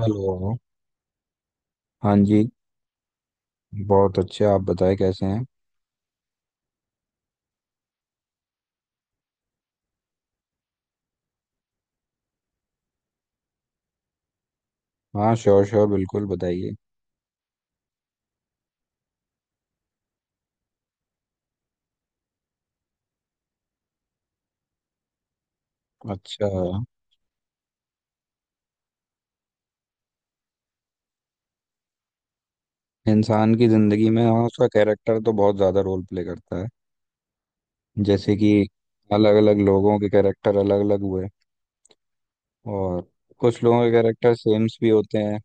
Hello. हाँ जी। बहुत अच्छे, आप बताएं कैसे हैं। हाँ, श्योर श्योर, बिल्कुल बताइए। अच्छा। इंसान की ज़िंदगी में, हाँ, उसका कैरेक्टर तो बहुत ज़्यादा रोल प्ले करता है। जैसे कि अलग अलग लोगों के कैरेक्टर अलग अलग हुए, और कुछ लोगों के कैरेक्टर सेम्स भी होते हैं।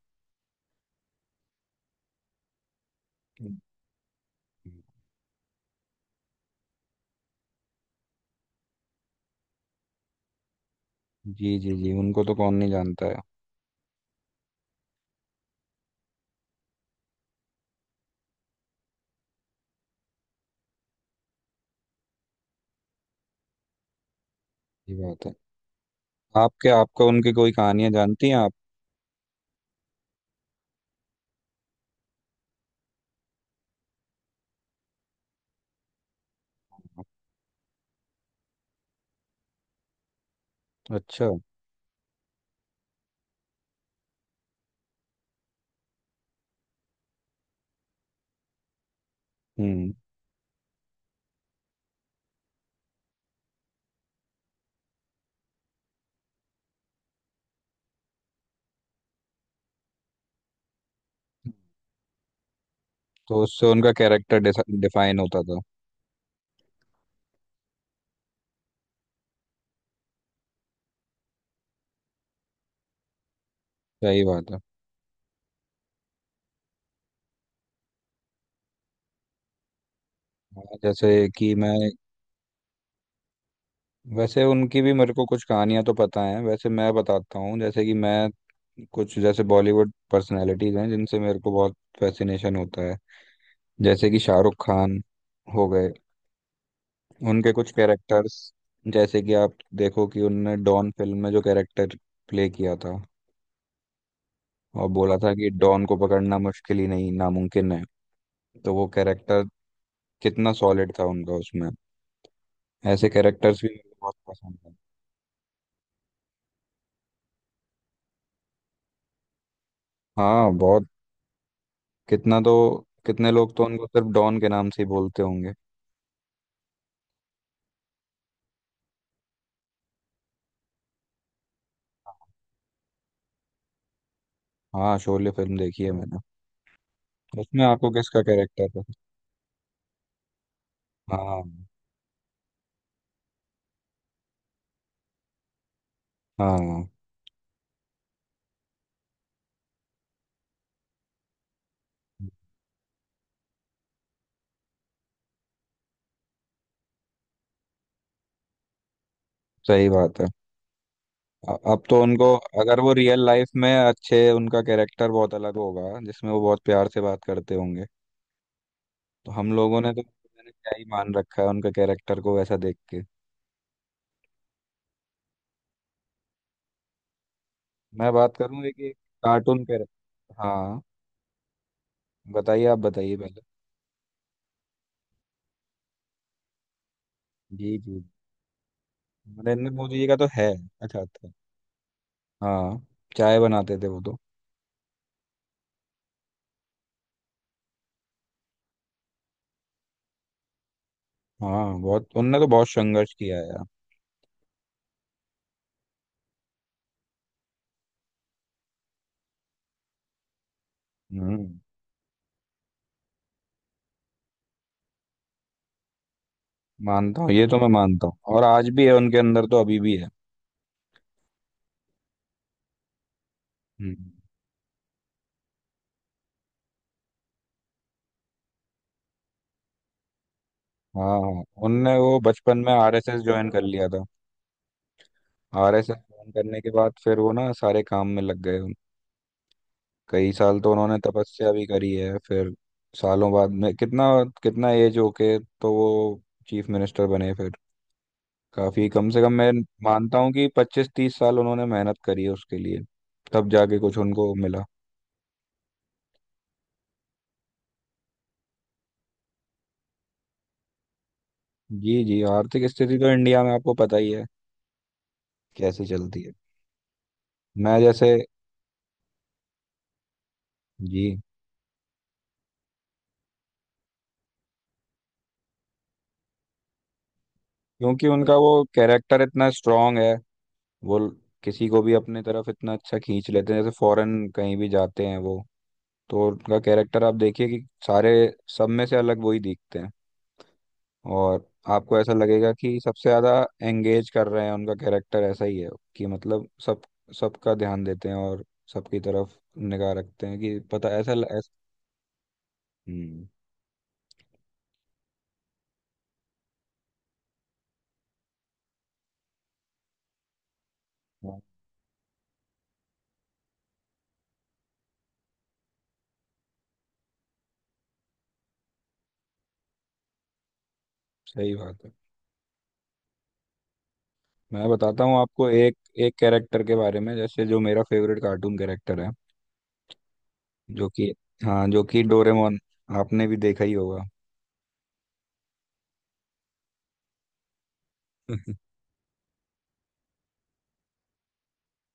जी जी जी, उनको तो कौन नहीं जानता है। ये बात है। आपके आपको उनकी कोई कहानियाँ जानती हैं आप? अच्छा। हम्म। तो उससे उनका कैरेक्टर डिफाइन होता था। सही बात है। हाँ, जैसे कि मैं वैसे उनकी भी मेरे को कुछ कहानियां तो पता हैं। वैसे मैं बताता हूँ, जैसे कि मैं कुछ जैसे बॉलीवुड पर्सनालिटीज हैं जिनसे मेरे को बहुत फैसिनेशन होता है, जैसे कि शाहरुख खान हो गए। उनके कुछ कैरेक्टर्स, जैसे कि आप देखो कि उनने डॉन फिल्म में जो कैरेक्टर प्ले किया था और बोला था कि डॉन को पकड़ना मुश्किल ही नहीं नामुमकिन है, तो वो कैरेक्टर कितना सॉलिड था उनका उसमें। ऐसे कैरेक्टर्स भी मेरे को बहुत पसंद है। हाँ, बहुत। कितना तो कितने लोग तो उनको सिर्फ डॉन के नाम से ही बोलते होंगे। हाँ, शोले फिल्म देखी है मैंने। उसमें आपको किसका कैरेक्टर था? हाँ हाँ, सही बात है। अ- अब तो उनको अगर वो रियल लाइफ में अच्छे, उनका कैरेक्टर बहुत अलग होगा जिसमें वो बहुत प्यार से बात करते होंगे। तो हम लोगों ने तो मैंने क्या ही मान रखा है उनके कैरेक्टर को वैसा देख के। मैं बात करूँ एक एक कार्टून कैरेक्टर, हाँ? बताइए, आप बताइए पहले। जी जी। मैंने इनमें मुझे का तो है। अच्छा अच्छा। हाँ, चाय बनाते थे वो तो। हाँ, बहुत, उनने तो बहुत संघर्ष किया है यार। हम्म। मानता हूँ ये तो मैं मानता हूँ, और आज भी है उनके अंदर तो अभी भी है। हम्म। हाँ हाँ, उनने वो बचपन में आरएसएस ज्वाइन कर लिया था। आरएसएस ज्वाइन करने के बाद फिर वो ना सारे काम में लग गए। कई साल तो उन्होंने तपस्या भी करी है फिर। सालों बाद में, कितना कितना एज होके तो वो चीफ मिनिस्टर बने फिर। काफी कम से कम मैं मानता हूँ कि 25-30 साल उन्होंने मेहनत करी है उसके लिए, तब जाके कुछ उनको मिला। जी जी, आर्थिक स्थिति तो इंडिया में आपको पता ही है कैसी चलती है। मैं जैसे जी। क्योंकि उनका वो कैरेक्टर इतना स्ट्रांग है, वो किसी को भी अपने तरफ इतना अच्छा खींच लेते हैं, जैसे फॉरेन कहीं भी जाते हैं वो। तो उनका कैरेक्टर आप देखिए कि सारे सब में से अलग वही दिखते हैं। और आपको ऐसा लगेगा कि सबसे ज़्यादा एंगेज कर रहे हैं, उनका कैरेक्टर ऐसा ही है कि मतलब सब सबका ध्यान देते हैं और सबकी तरफ निगाह रखते हैं, कि पता ऐसा हम्म। हाँ, सही बात है। मैं बताता हूँ आपको एक एक कैरेक्टर के बारे में, जैसे जो मेरा फेवरेट कार्टून कैरेक्टर है, जो कि हाँ, जो कि डोरेमोन। आपने भी देखा ही होगा।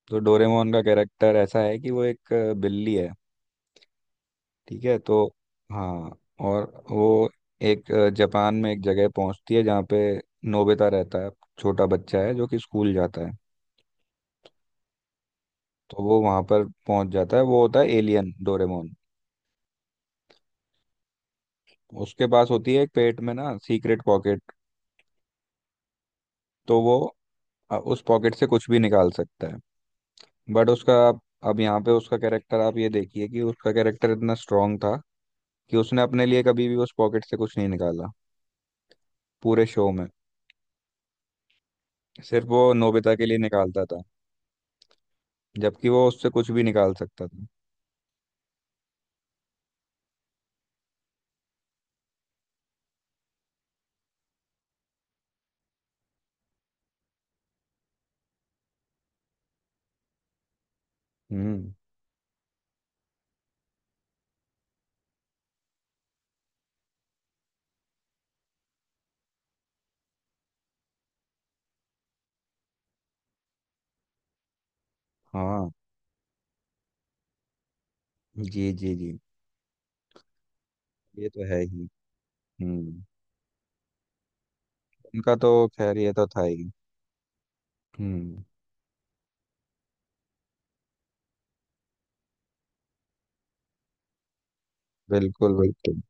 तो डोरेमोन का कैरेक्टर ऐसा है कि वो एक बिल्ली है। ठीक है तो, हाँ, और वो एक जापान में एक जगह पहुंचती है जहाँ पे नोबिता रहता है। छोटा बच्चा है जो कि स्कूल जाता है। तो वो वहां पर पहुंच जाता है, वो होता है एलियन डोरेमोन। उसके पास होती है एक पेट में ना सीक्रेट पॉकेट। तो वो उस पॉकेट से कुछ भी निकाल सकता है। बट उसका अब यहाँ पे उसका कैरेक्टर आप ये देखिए कि उसका कैरेक्टर इतना स्ट्रांग था कि उसने अपने लिए कभी भी उस पॉकेट से कुछ नहीं निकाला, पूरे शो में। सिर्फ वो नोबिता के लिए निकालता था, जबकि वो उससे कुछ भी निकाल सकता था। हम्म। हाँ, जी जी जी। ये तो है ही। हम्म। उनका तो, खैर, ये तो था ही। हम्म। बिल्कुल बिल्कुल,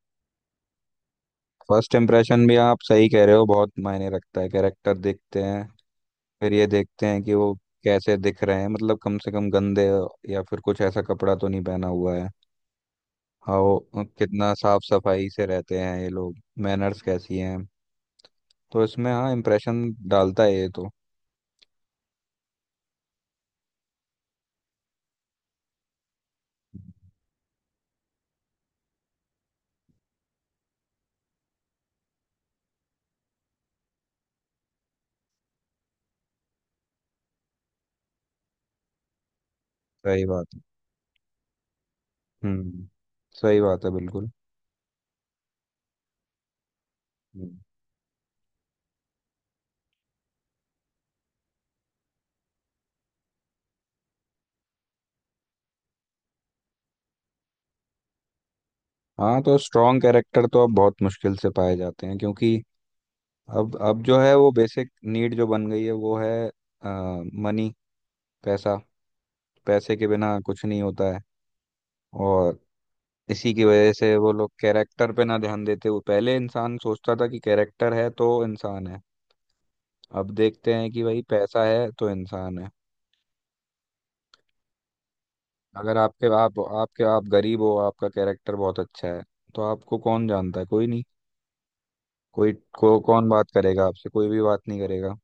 फर्स्ट इम्प्रेशन भी आप सही कह रहे हो, बहुत मायने रखता है, कैरेक्टर देखते हैं। फिर ये देखते हैं कि वो कैसे दिख रहे हैं, मतलब कम से कम गंदे या फिर कुछ ऐसा कपड़ा तो नहीं पहना हुआ है। हाँ, वो कितना साफ सफाई से रहते हैं ये लोग, मैनर्स कैसी हैं, तो इसमें हाँ इम्प्रेशन डालता है ये तो। सही बात। हम्म। सही बात है बिल्कुल। हम्म। हाँ तो स्ट्रॉन्ग कैरेक्टर तो अब बहुत मुश्किल से पाए जाते हैं, क्योंकि अब जो है वो बेसिक नीड जो बन गई है वो है, मनी, पैसा। पैसे के बिना कुछ नहीं होता है। और इसी की वजह से वो लोग कैरेक्टर पे ना ध्यान देते हुए, पहले इंसान सोचता था कि कैरेक्टर है तो इंसान है, अब देखते हैं कि भाई पैसा है तो इंसान है। अगर आपके आप आपके आप गरीब हो, आपका कैरेक्टर बहुत अच्छा है, तो आपको कौन जानता है, कोई नहीं। कोई को कौन बात करेगा आपसे, कोई भी बात नहीं करेगा।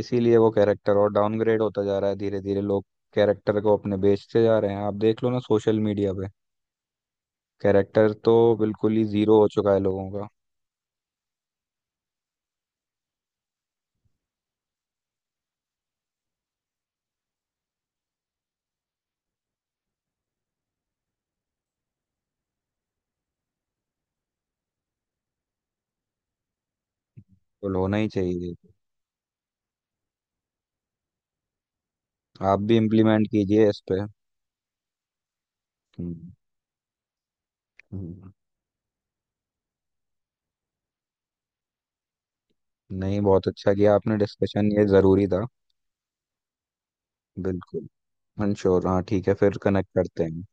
इसीलिए वो कैरेक्टर और डाउनग्रेड होता जा रहा है, धीरे धीरे लोग कैरेक्टर को अपने बेचते जा रहे हैं। आप देख लो ना सोशल मीडिया पे, कैरेक्टर तो बिल्कुल ही जीरो हो चुका है लोगों का। बिल्कुल, होना ही चाहिए। आप भी इम्प्लीमेंट कीजिए इस पे। हम्म, हम्म। नहीं, बहुत अच्छा किया आपने, डिस्कशन ये ज़रूरी था। बिल्कुल। मंशोर, हाँ ठीक है, फिर कनेक्ट करते हैं।